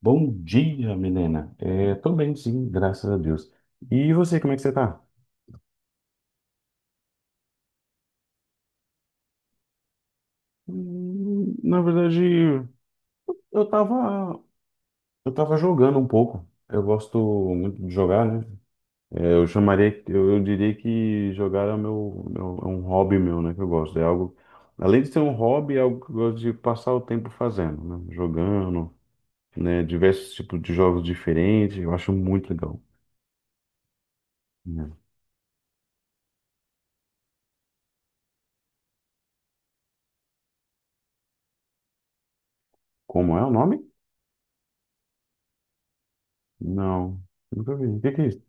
Bom dia, Milena. É, tô bem, sim, graças a Deus. E você, como é que você tá? Na verdade, eu tava, eu tava jogando um pouco. Eu gosto muito de jogar, né? É, eu diria que jogar é um hobby meu, né? Que eu gosto. É algo, além de ser um hobby, é algo que eu gosto de passar o tempo fazendo, né? Jogando, né? Diversos tipos de jogos diferentes. Eu acho muito legal. Né? Como é o nome? Não, nunca vi. O que que é isso?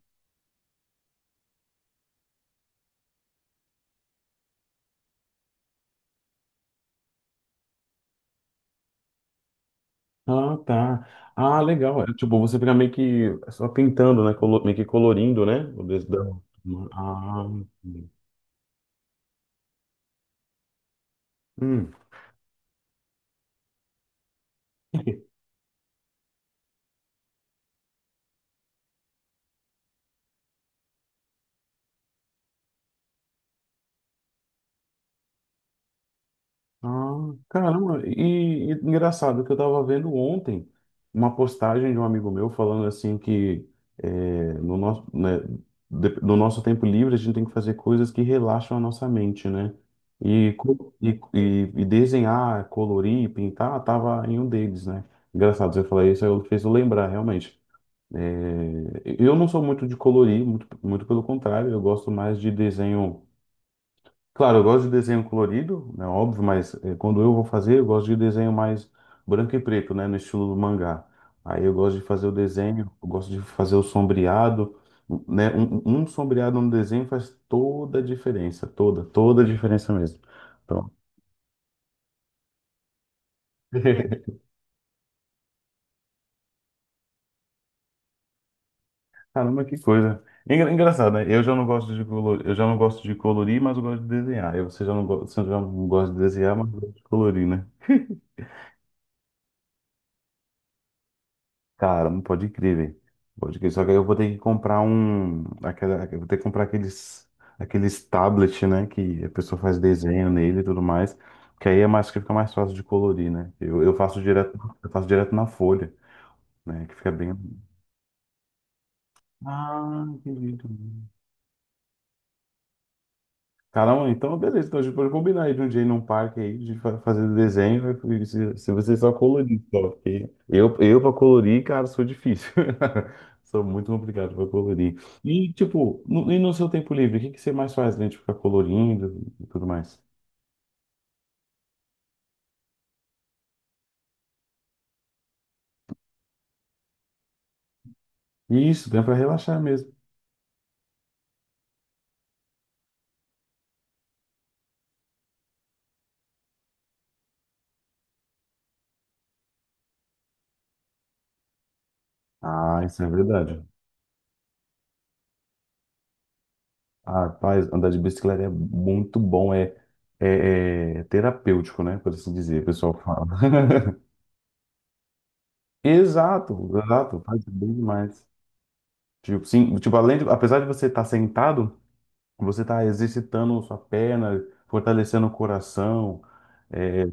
Ah, tá. Ah, legal. É, tipo, você fica meio que só pintando, né? Meio que colorindo, né? O desdão. Ah, sim. Hum. Ah, caramba. E engraçado que eu tava vendo ontem uma postagem de um amigo meu falando assim que no nosso, né, no nosso tempo livre a gente tem que fazer coisas que relaxam a nossa mente, né? E desenhar, colorir, pintar, tava em um deles, né? Engraçado você falar isso, aí eu fez eu lembrar, realmente. É, eu não sou muito de colorir, muito, muito pelo contrário, eu gosto mais de desenho. Claro, eu gosto de desenho colorido, né, óbvio, mas quando eu vou fazer, eu gosto de desenho mais branco e preto, né, no estilo do mangá. Aí eu gosto de fazer o desenho, eu gosto de fazer o sombreado, né, um sombreado no desenho faz toda a diferença, toda, toda a diferença mesmo. Então, Caramba, que coisa. Engraçado, né? Eu já não gosto de colorir, eu já não gosto de colorir, mas eu gosto de desenhar. E você já não gosta de desenhar, mas gosta de colorir, né? Cara, não pode crer, velho. Pode crer. Só que aí eu vou ter que comprar um. Eu vou ter que comprar aqueles. Aqueles tablets, né? Que a pessoa faz desenho nele e tudo mais. Que aí é mais que fica mais fácil de colorir, né? Eu faço direto, eu faço direto, na folha, né? Que fica bem. Ah, entendi. Caramba, então beleza. Então a gente pode combinar aí de um dia ir num parque aí, de fazer o desenho. Né? E se você só colorir, só. Porque eu pra colorir, cara, sou difícil. Sou muito complicado pra colorir. E, tipo, no seu tempo livre, o que, que você mais faz, né? Tipo, ficar colorindo e tudo mais. Isso, dá pra relaxar mesmo. Ah, isso é verdade. Ah, rapaz, andar de bicicleta é muito bom, é terapêutico, né? Por assim dizer, o pessoal fala. Exato, exato, faz bem demais. Tipo, sim, tipo, apesar de você estar sentado, você está exercitando sua perna, fortalecendo o coração, é, é,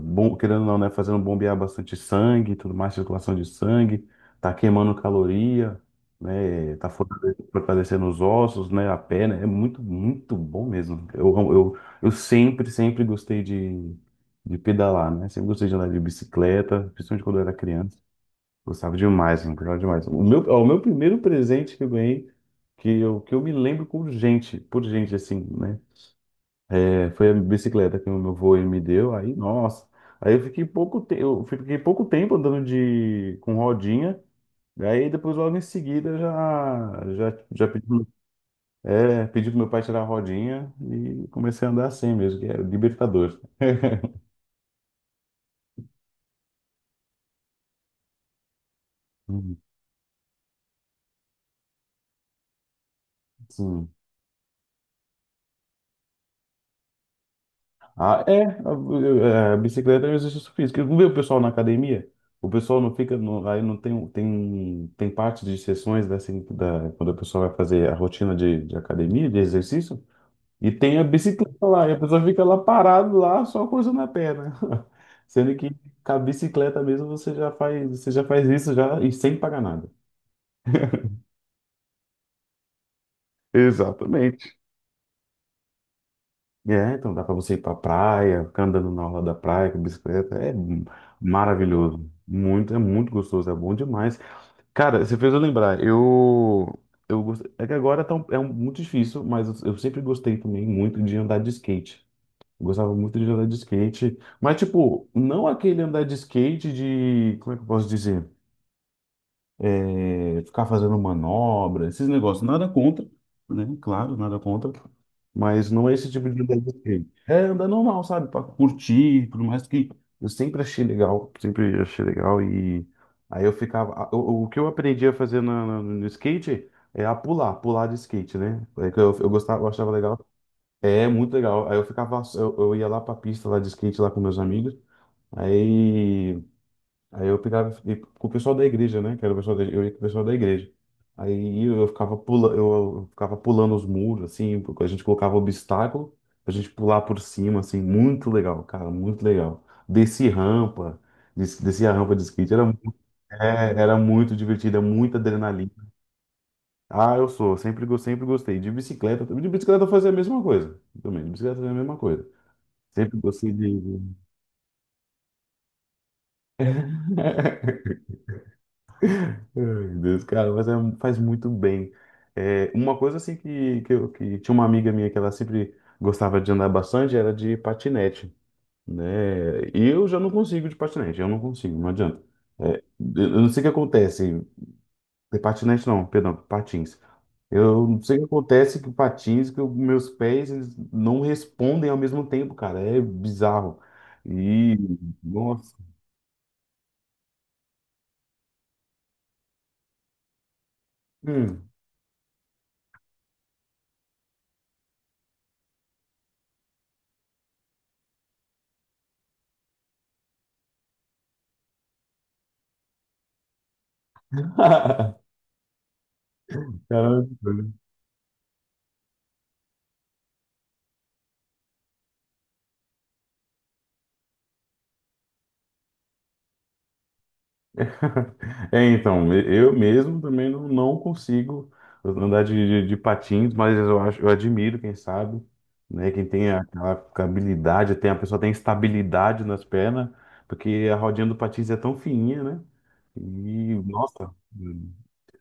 bom, querendo ou não, né, fazendo bombear bastante sangue, e tudo mais, circulação de sangue, tá queimando caloria, né, tá fortalecendo os ossos, né, a perna, é muito, muito bom mesmo. Eu sempre, sempre gostei de pedalar, né, sempre gostei de andar de bicicleta, principalmente quando eu era criança. Gostava demais, mano, gostava demais. O meu primeiro presente que eu ganhei, que eu me lembro por gente, assim, né? Foi a bicicleta que o meu avô ele me deu, aí, nossa. Aí eu fiquei pouco tempo andando com rodinha, aí depois logo em seguida já pedi, pedi pro meu pai tirar a rodinha e comecei a andar assim mesmo, que é libertador. Uhum. Sim. Ah, é, a bicicleta é um exercício físico. Eu não vejo o pessoal na academia? O pessoal não fica, no, aí não tem parte de sessões da, assim, da, quando a pessoa vai fazer a rotina de academia, de exercício, e tem a bicicleta lá, e a pessoa fica lá parado lá, só coisando a perna. Sendo que com a bicicleta mesmo você já faz isso já e sem pagar nada. Exatamente. É, então dá pra você ir pra praia, ficar andando na orla da praia com bicicleta. É maravilhoso. Muito, é muito gostoso, é bom demais. Cara, você fez eu lembrar. É que agora tá muito difícil, mas eu sempre gostei também muito de andar de skate. Eu gostava muito de andar de skate, mas tipo, não aquele andar de skate de, como é que eu posso dizer? Ficar fazendo manobra, esses negócios, nada contra, né? Claro, nada contra, mas não é esse tipo de andar que eu gosto. É andar normal, sabe? Para curtir, por mais que eu sempre achei legal e aí eu ficava, o que eu aprendi a fazer no skate é pular de skate, né? É que eu gostava, eu achava legal. É muito legal. Aí eu ficava, eu ia lá pra pista lá de skate lá com meus amigos. Aí Aí eu pegava e ia com o pessoal da igreja, né? Que era o pessoal da, Eu ia com o pessoal da igreja. Aí eu ficava pulando os muros, assim, porque a gente colocava obstáculo a gente pular por cima, assim, muito legal, cara, muito legal. Desci rampa, desci a rampa de skate, era muito divertido, é muita adrenalina. Ah, eu sempre gostei. De bicicleta eu fazia a mesma coisa também, de bicicleta eu fazia a mesma coisa. Sempre gostei de. Ai, meu Deus, cara, mas faz muito bem. É, uma coisa assim que tinha uma amiga minha que ela sempre gostava de andar bastante era de patinete, né? E eu já não consigo de patinete, eu não consigo, não adianta. É, eu não sei o que acontece, é patinete não, perdão, patins. Eu não sei o que acontece com patins, que os meus pés eles não respondem ao mesmo tempo, cara, é bizarro. E, nossa, hum. Caramba. É, então, eu mesmo também não, não consigo andar de patins, mas eu acho, eu admiro, quem sabe, né? Quem tem aquela habilidade, tem, a pessoa tem estabilidade nas pernas, porque a rodinha do patins é tão fininha, né? E, nossa,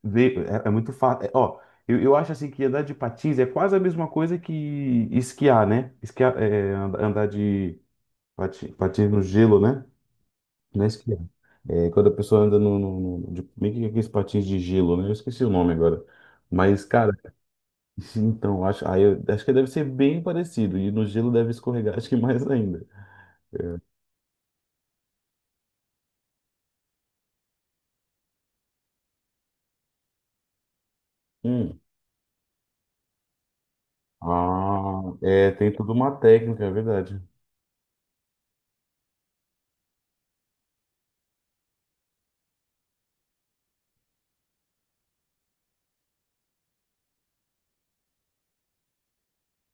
vê- é muito fácil. Ó, eu acho assim que andar de patins é quase a mesma coisa que esquiar, né? Esquiar, andar de patins no gelo, né? Na esquerda. É, quando a pessoa anda de, meio que aqueles patins de gelo, né? Eu esqueci o nome agora. Mas, cara, então, acho que deve ser bem parecido. E no gelo deve escorregar, acho que mais ainda. Hum. Ah, é, tem tudo uma técnica, é verdade.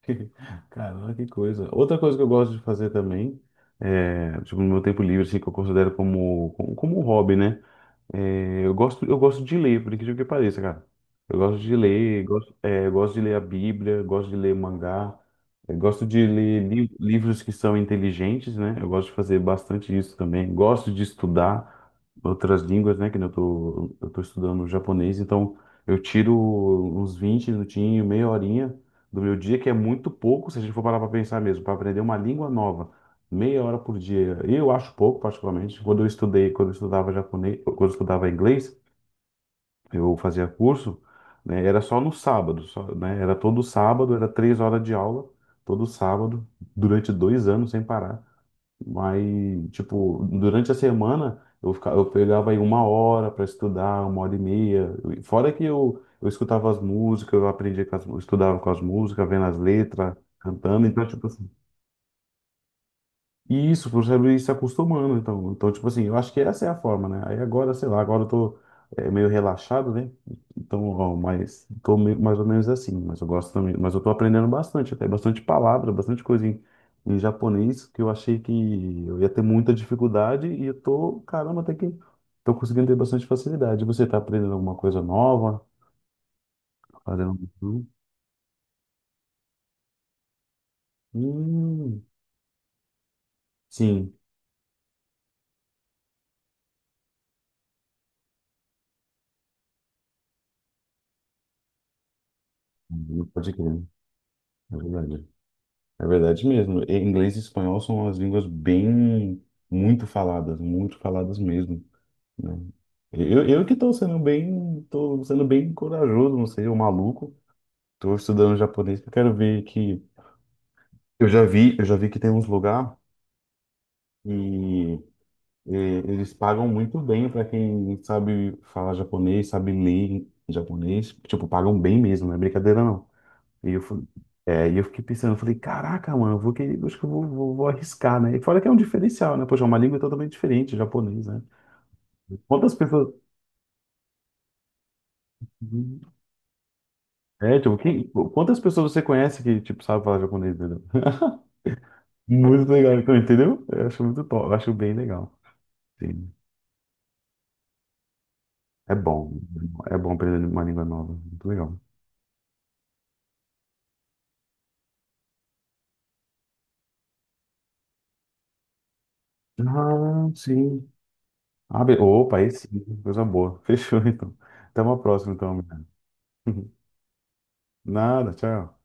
Caramba, que coisa. Outra coisa que eu gosto de fazer também, é, tipo, no meu tempo livre, assim, que eu considero como, um hobby, né? É, eu gosto de ler, por incrível que pareça, cara. Eu gosto de ler, gosto, eu gosto de ler a Bíblia, gosto de ler mangá, eu gosto de ler livros que são inteligentes, né? Eu gosto de fazer bastante isso também. Gosto de estudar outras línguas, né? Que nem eu tô estudando japonês, então eu tiro uns 20 minutinhos, meia horinha do meu dia, que é muito pouco, se a gente for parar para pensar mesmo, para aprender uma língua nova. Meia hora por dia. Eu acho pouco, particularmente. Quando eu estudei, quando eu estudava japonês, quando eu estudava inglês, eu fazia curso, né, era só no sábado, só, né, era todo sábado, era 3 horas de aula, todo sábado, durante 2 anos sem parar. Mas, tipo, durante a semana, eu pegava aí 1 hora para estudar, 1 hora e meia. Fora que eu escutava as músicas, eu estudava com as músicas, vendo as letras, cantando. Então, tipo, assim, isso, para saber ir se acostumando, então. Então, tipo assim, eu acho que essa é a forma, né? Aí agora, sei lá, agora eu tô meio relaxado, né? Então, ó, mas tô meio, mais ou menos assim, mas eu gosto também, mas eu tô aprendendo bastante, até bastante palavra, bastante coisa em, japonês, que eu achei que eu ia ter muita dificuldade e eu tô, caramba, até que tô conseguindo ter bastante facilidade. Você tá aprendendo alguma coisa nova? Tá fazendo... algum- Hum, sim, pode crer, é verdade. É verdade mesmo. E inglês e espanhol são as línguas bem muito faladas mesmo, né? Eu que estou sendo bem, tô sendo bem corajoso, não sei, o maluco. Estou estudando japonês, porque eu quero ver que eu já vi que tem uns lugar e, e eles pagam muito bem para quem sabe falar japonês, sabe ler em japonês, tipo, pagam bem mesmo, não é brincadeira não. E eu, fal- e eu fiquei pensando, eu falei, caraca, mano, acho que eu vou arriscar, né? E fora que é um diferencial, né? Poxa, é uma língua totalmente diferente, japonês, né? Quantas pessoas. É, tipo, quantas pessoas você conhece que, tipo, sabe falar japonês, entendeu? Muito legal, então, entendeu? Eu acho muito top, eu acho bem legal. Sim. É bom, é bom aprender uma língua nova, muito legal. Ah, sim. Ah, opa, aí sim, coisa boa. Fechou, então. Até uma próxima, então, amiga. Nada, tchau.